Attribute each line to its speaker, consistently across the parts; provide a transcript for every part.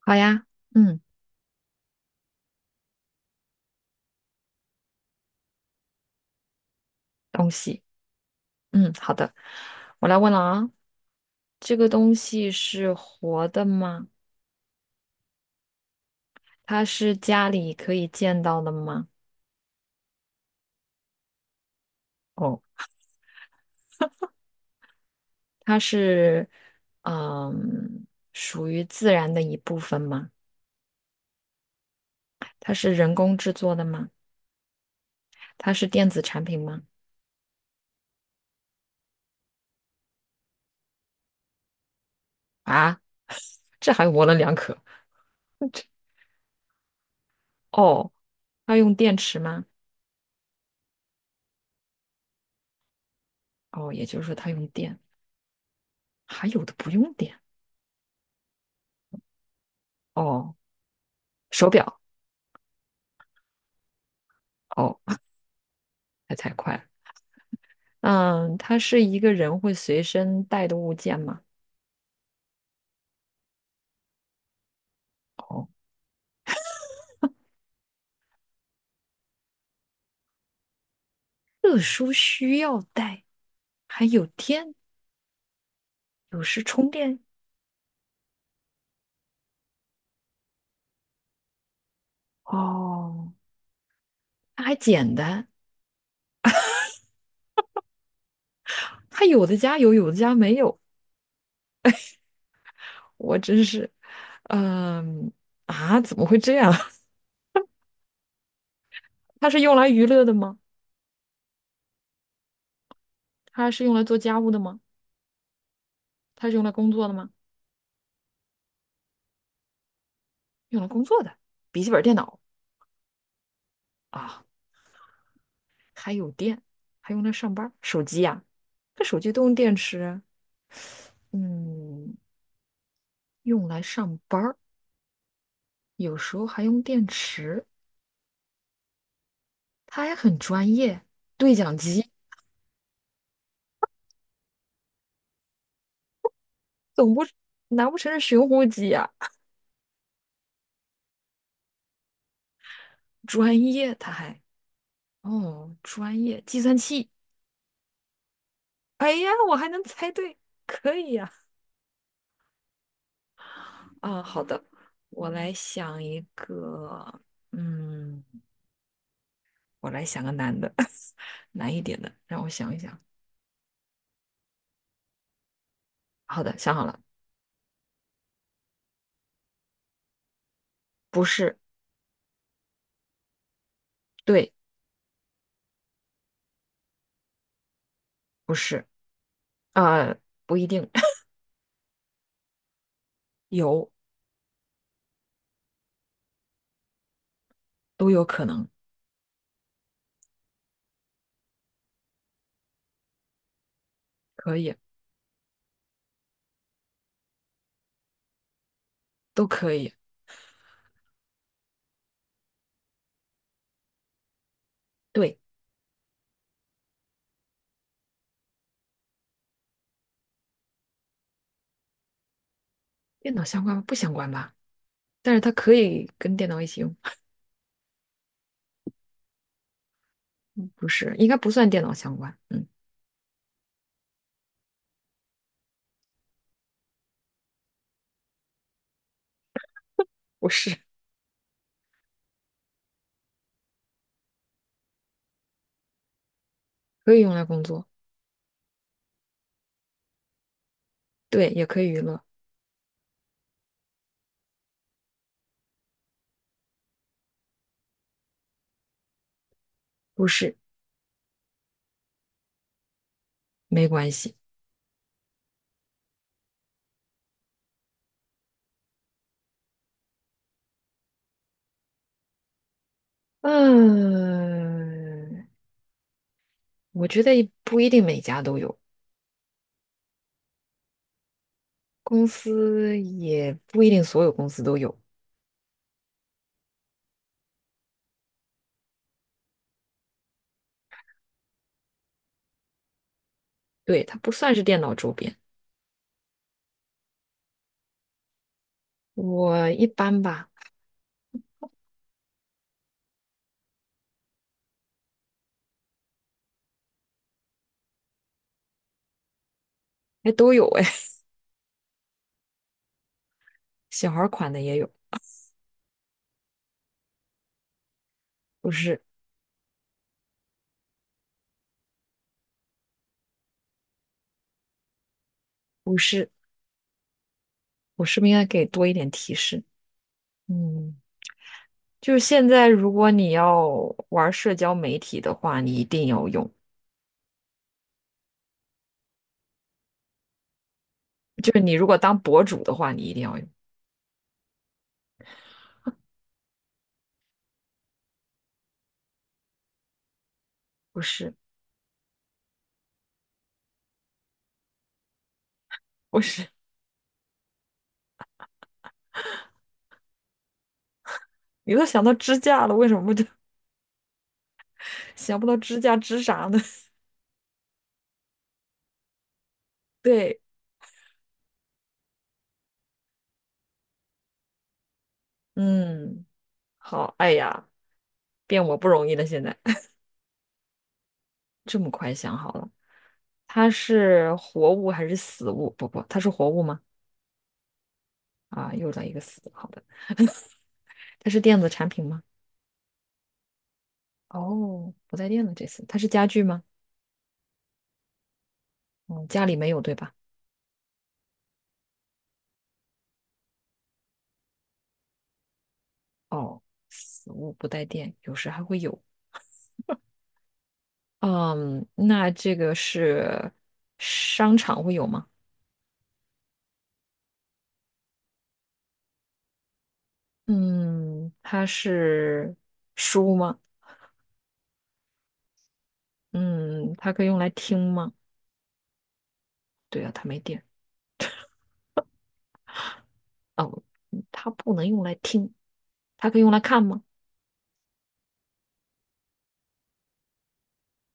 Speaker 1: 好呀。嗯。东西。嗯，好的，我来问了啊。这个东西是活的吗？它是家里可以见到的吗？哦，它是，嗯，属于自然的一部分吗？它是人工制作的吗？它是电子产品吗？啊，这还模棱两可。哦，它用电池吗？哦，也就是说它用电，还有的不用电。哦，手表。哦，还太快了。嗯，它是一个人会随身带的物件吗？哦特殊需要带，还有电，有时充电。哦，它还简单，它有的家有，有的家没有，我真是，嗯啊，怎么会这样？它是用来娱乐的吗？它是用来做家务的吗？它是用来工作的吗？用来工作的，笔记本电脑啊，还有电，还用来上班儿手机呀、这手机都用电池啊。嗯，用来上班儿，有时候还用电池，他还很专业。对讲机，总不难不成是寻呼机呀、专业，他还哦，专业计算器。哎呀，我还能猜对，可以呀、啊，好的，我来想一个。嗯，我来想个难的，难一点的，让我想一想。好的，想好了。不是。对。不是。啊，不一定。有。都有可能。可以。都可以。对。电脑相关吗？不相关吧？但是它可以跟电脑一起用。不是，应该不算电脑相关。嗯，不是。可以用来工作。对，也可以娱乐。不是。没关系。嗯，我觉得不一定每家都有。公司也不一定所有公司都有。对，它不算是电脑周边。我一般吧。还都有哎。小孩儿款的也有。不是。不是。我是不是应该给多一点提示？嗯。就是现在，如果你要玩社交媒体的话，你一定要用。就是你如果当博主的话，你一定要用。不是。不是，你都想到支架了，为什么就 想不到支架支啥呢？对。嗯，好，哎呀，变我不容易了，现在 这么快想好了。它是活物还是死物？不不，它是活物吗？啊，又来一个死，好的，它是电子产品吗？哦，不带电了，这次它是家具吗？嗯，家里没有，对吧？哦，死物不带电，有时还会有。嗯，那这个是商场会有吗？嗯，它是书吗？嗯，它可以用来听吗？对啊，它没电。哦，嗯它不能用来听，它可以用来看吗？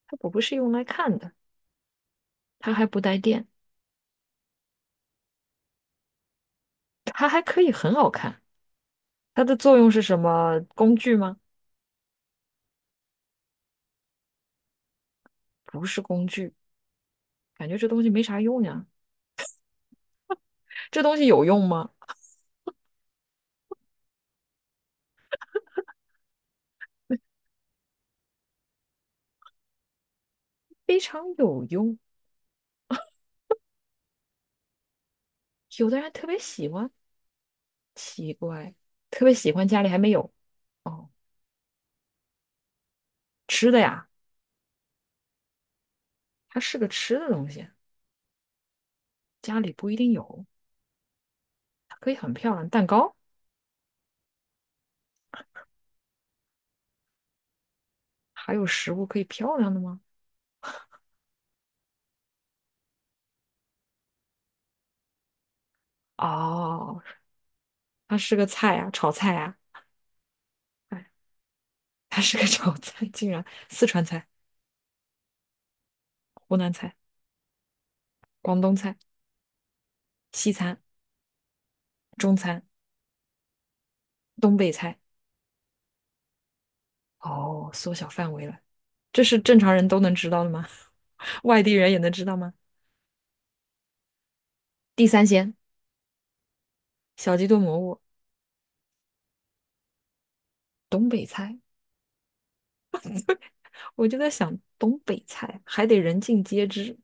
Speaker 1: 它不是用来看的，它还不带电，它还可以很好看。它的作用是什么？工具吗？不是工具，感觉这东西没啥用呀。这东西有用吗？非常有用。有的人特别喜欢，奇怪，特别喜欢家里还没有哦。吃的呀，它是个吃的东西，家里不一定有，它可以很漂亮。蛋糕还有食物可以漂亮的吗？哦，它是个菜啊，炒菜啊，哎，它是个 炒菜，竟然四川菜、湖南菜、广东菜、西餐、中餐、东北菜，哦，缩小范围了，这是正常人都能知道的吗？外地人也能知道吗？地三鲜、小鸡炖蘑菇、东北菜。我就在想，东北菜还得人尽皆知。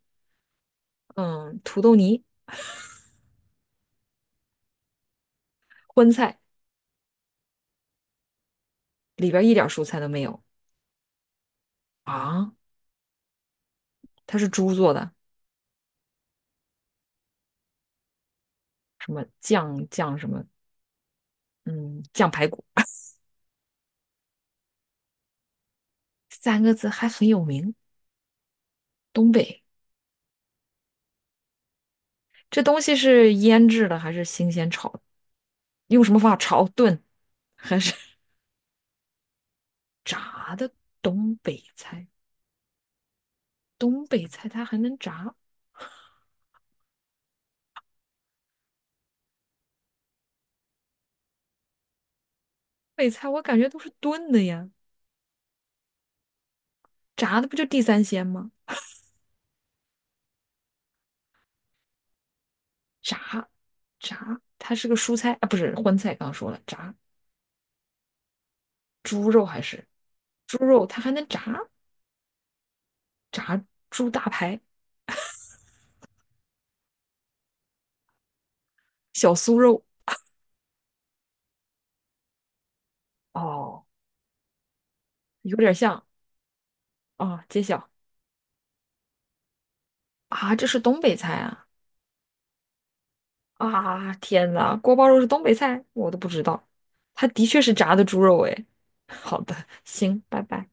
Speaker 1: 嗯，土豆泥、荤菜里边一点蔬菜都没有啊，它是猪做的，什么酱酱什么。嗯，酱排骨，三个字还很有名。东北这东西是腌制的还是新鲜炒的用什么方法炒、炖还是 炸的？东北菜，东北菜它还能炸？北菜我感觉都是炖的呀，炸的不就地三鲜吗？炸炸,它是个蔬菜啊，不是荤菜，刚刚说了炸猪肉还是猪肉，它还能炸猪大排、小酥肉哦，有点像啊，揭晓啊，这是东北菜啊啊！天哪，锅包肉是东北菜，我都不知道，它的确是炸的猪肉哎。好的，行，拜拜。